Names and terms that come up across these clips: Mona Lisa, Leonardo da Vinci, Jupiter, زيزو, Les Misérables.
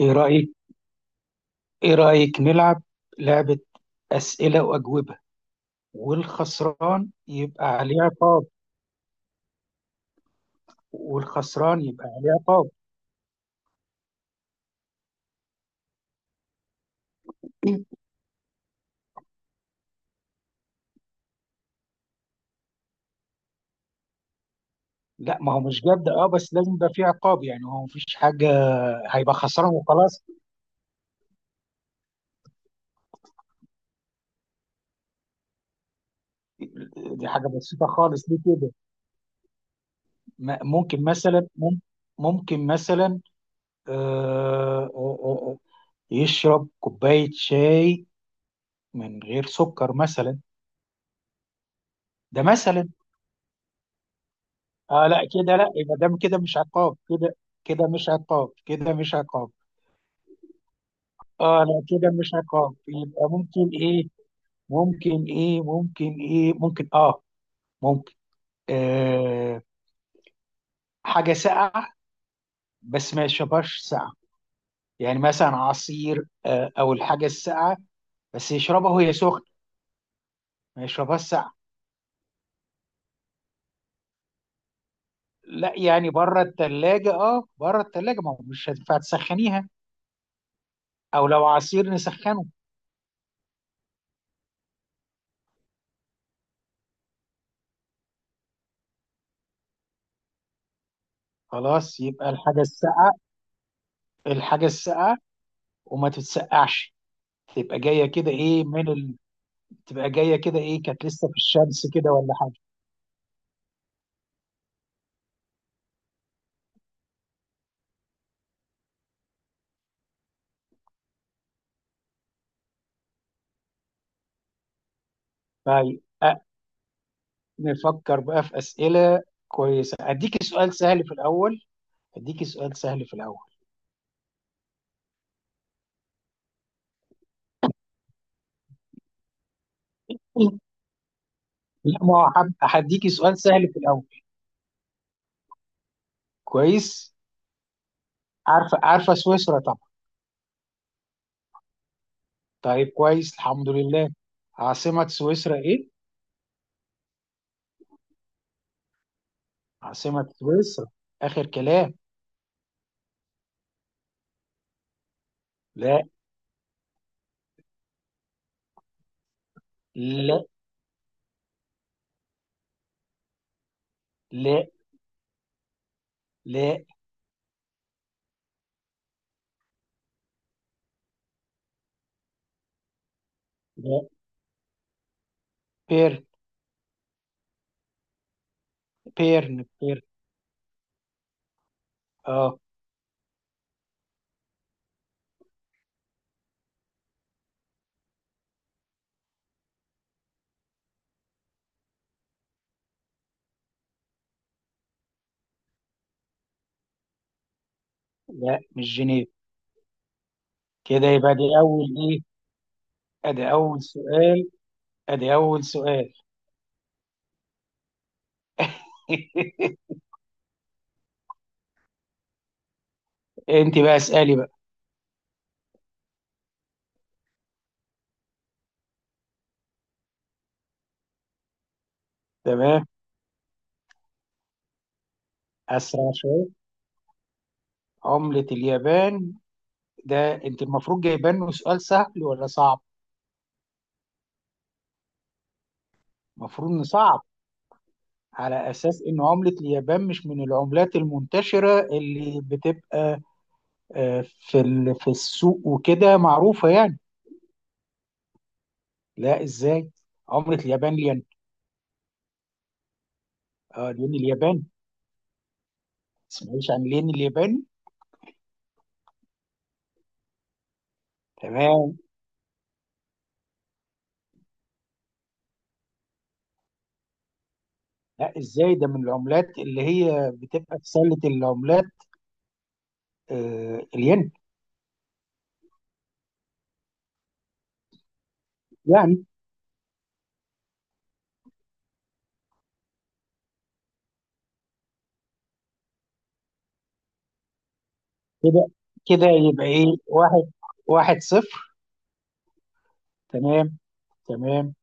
ايه رأيك ايه رأيك نلعب لعبة أسئلة وأجوبة، والخسران يبقى عليه عقاب. والخسران يبقى عليه عقاب لا، ما هو مش جد، بس لازم يبقى فيه عقاب، يعني هو مفيش حاجة. هيبقى خسران وخلاص. دي حاجة بسيطة خالص، ليه كده؟ ما- ممكن مثلا مم- ممكن مثلا آه، آه، آه، آه، يشرب كوباية شاي من غير سكر مثلا. ده مثلا. اه لا، كده لا، يبقى ده كده مش عقاب. كده مش عقاب. اه لا، كده مش عقاب، يبقى ممكن ايه؟ ممكن ايه ممكن ايه ممكن اه ممكن آه حاجة ساقعة، بس ما يشربهاش ساقعة. يعني مثلا عصير، او الحاجة الساقعة، بس يشربها وهي سخنة، ما يشربهاش ساقعة. لا، يعني بره الثلاجة، بره الثلاجة، ما هو مش هتنفع تسخنيها، او لو عصير نسخنه. خلاص يبقى الحاجة الساقعة. الحاجة الساقعة وما تتسقعش، تبقى جايه كده ايه من ال... تبقى جايه كده ايه، كانت لسه في الشمس كده ولا حاجه. طيب نفكر بقى في اسئله كويسه. اديكي سؤال سهل في الاول. اديكي سؤال سهل في الاول لا، ما هو هديكي سؤال سهل في الاول. كويس. عارفه سويسرا طبعا. طيب كويس، الحمد لله. عاصمه سويسرا ايه؟ عاصمه سويسرا اخر كلام. لا لا لا لا لا. بيرن بيرن. اه، لا مش جنيف. كده يبقى دي اول ايه؟ ادي اول سؤال ادي اول سؤال. انت بقى اسالي بقى. تمام. اسرع شويه. عملة اليابان؟ ده انت المفروض جايبان له سؤال سهل ولا صعب؟ المفروض انه صعب، على اساس ان عملة اليابان مش من العملات المنتشرة اللي بتبقى في في السوق وكده معروفة يعني. لا ازاي؟ عملة اليابان الين. اه، الين الياباني، ما تسمعيش عن الين الياباني؟ تمام. لا ازاي، ده من العملات اللي هي بتبقى في سله العملات. آه الين. يعني كده كده يبقى ايه؟ واحد صفر. تمام تمام.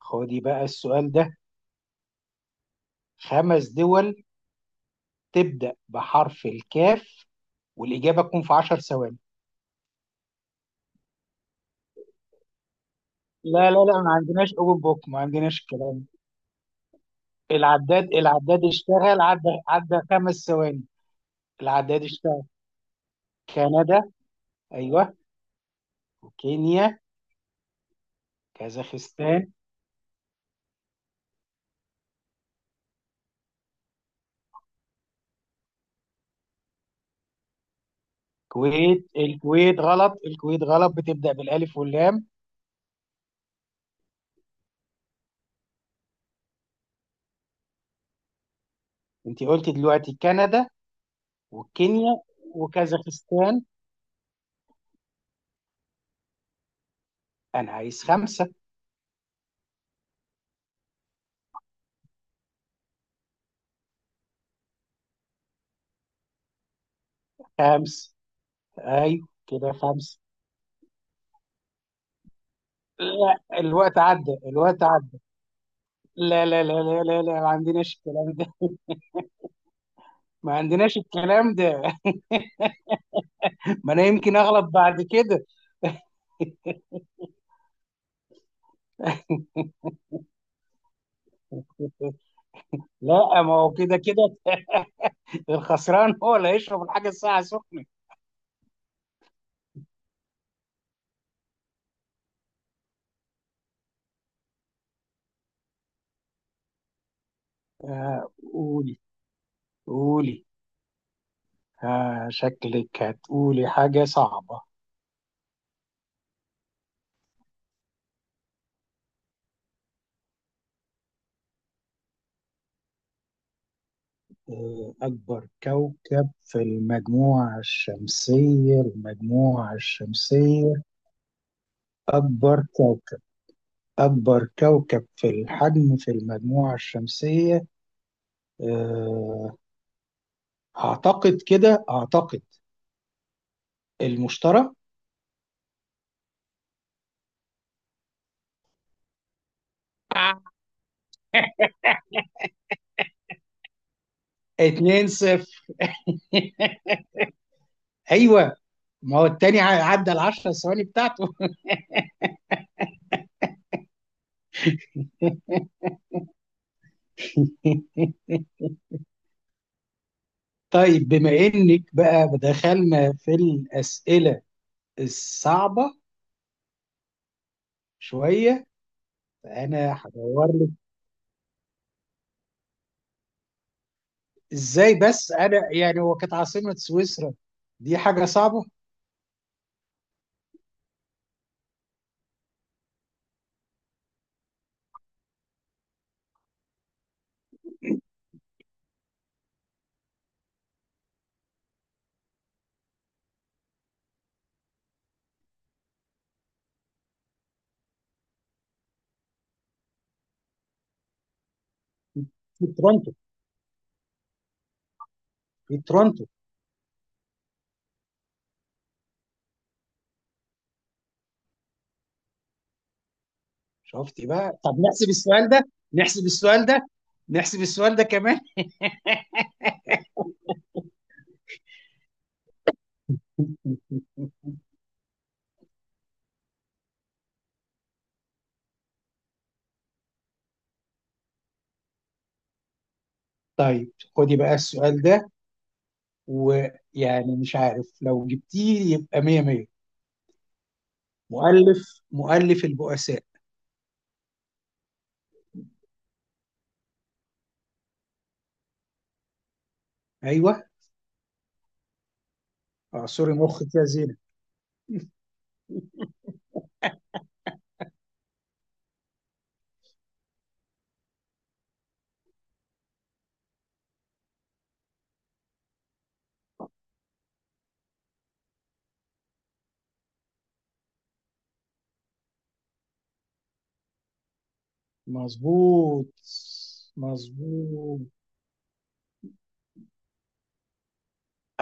خدي بقى السؤال ده. خمس دول تبدأ بحرف الكاف، والإجابة تكون في 10 ثواني. لا لا لا، ما عندناش اوبن بوك، ما عندناش الكلام ده. العداد اشتغل. عدى خمس ثواني. العداد اشتغل. كندا. ايوه. كينيا. كازاخستان. كويت، الكويت غلط، بتبدأ بالألف واللام. انت قلت دلوقتي كندا وكينيا وكازاخستان. انا عايز خمسة. خمسة، ايوه كده خمسة. لا، الوقت عدى. لا لا لا لا لا لا، ما عندناش الكلام ده. ما عندناش الكلام ده ما انا يمكن اغلط بعد كده. لا ما هو كده كده. الخسران هو اللي هيشرب الحاجة الساعة سخنة. قولي. قولي آه، شكلك هتقولي حاجة صعبة. آه، أكبر كوكب في المجموعة الشمسية، أكبر كوكب، في الحجم في المجموعة الشمسية. آه أعتقد كده، المشتري. اتنين صفر. أيوه، ما هو التاني عدى العشر ثواني بتاعته. طيب بما إنك بقى دخلنا في الأسئلة الصعبة شويه. انا هدور لك. ازاي بس، انا يعني هو كانت عاصمه سويسرا دي حاجه صعبه. في تورونتو في تورونتو. شفتي بقى؟ طب نحسب السؤال ده، كمان. طيب، خدي بقى السؤال ده، ويعني مش عارف لو جبتيه يبقى 100-100. مؤلف البؤساء؟ ايوه، اعصري مخك يا زينة. مظبوط مظبوط.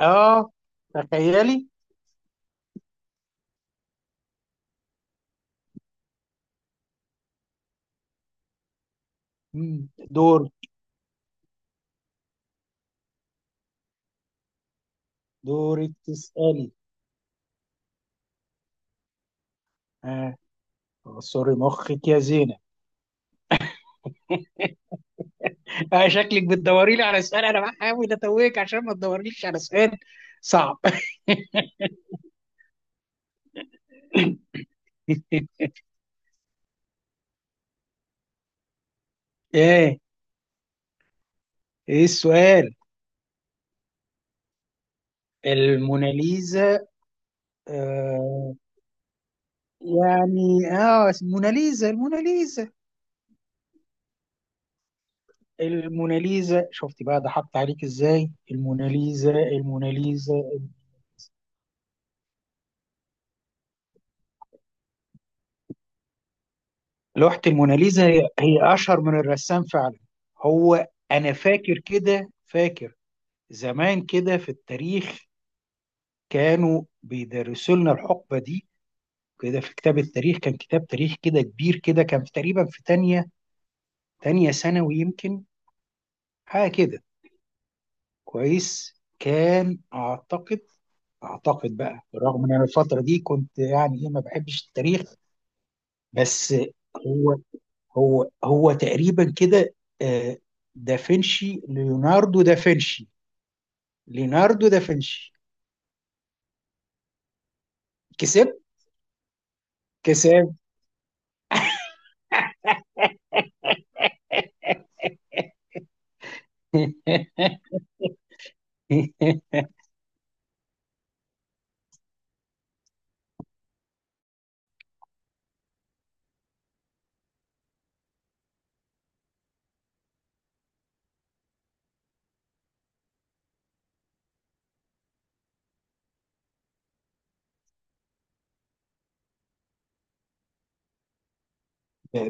اه، تخيلي. مم. دور دورك تسألي. ها. آه. سوري، مخك يا زينة. آه، شكلك بتدوري لي على سؤال، انا بحاول اتوهك عشان ما تدوريش على سؤال صعب. ايه ايه السؤال؟ الموناليزا. آه، يعني الموناليزا الموناليزا. شفتي بقى، ضحكت عليك ازاي؟ الموناليزا الموناليزا لوحة الموناليزا هي اشهر من الرسام فعلا. هو انا فاكر كده، زمان كده، في التاريخ كانوا بيدرسوا لنا الحقبة دي كده، في كتاب التاريخ. كان كتاب تاريخ كده كبير كده، كان في تقريبا في تانية ثانوي يمكن، حاجة كده. كويس كان أعتقد، بقى رغم إن أنا الفترة دي كنت يعني إيه، ما بحبش التاريخ. بس هو هو تقريبا كده. آه، دافنشي، ليوناردو دافنشي، ليوناردو دافنشي كسب. كسب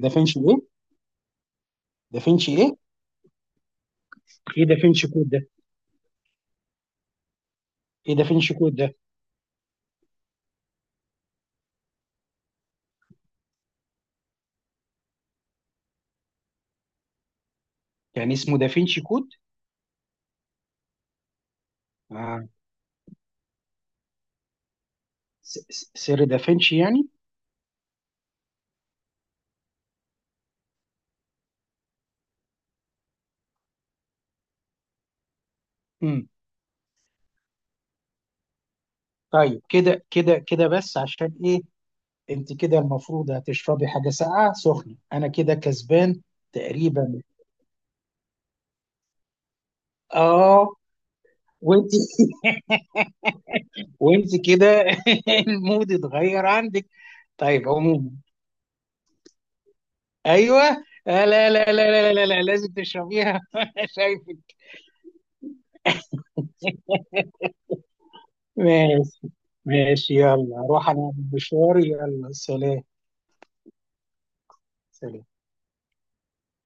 دافنشي ايه؟ دافنشي ايه ايه دافنشي كود ده؟ ايه دافنشي كود ده يعني اسمه دافنشي كود؟ آه. سر دافنشي يعني. امم. طيب، كده بس عشان ايه؟ انت كده المفروض هتشربي حاجه ساقعه سخنه، انا كده كسبان. تقريبا. اه. وانت، وانت كده، المود اتغير عندك. طيب عموما. ايوه. لا لا لا لا لا لا لا. لازم تشربيها. شايفك. ماشي ماشي، يلا روح، انا مشواري، يلا سلام. سلام.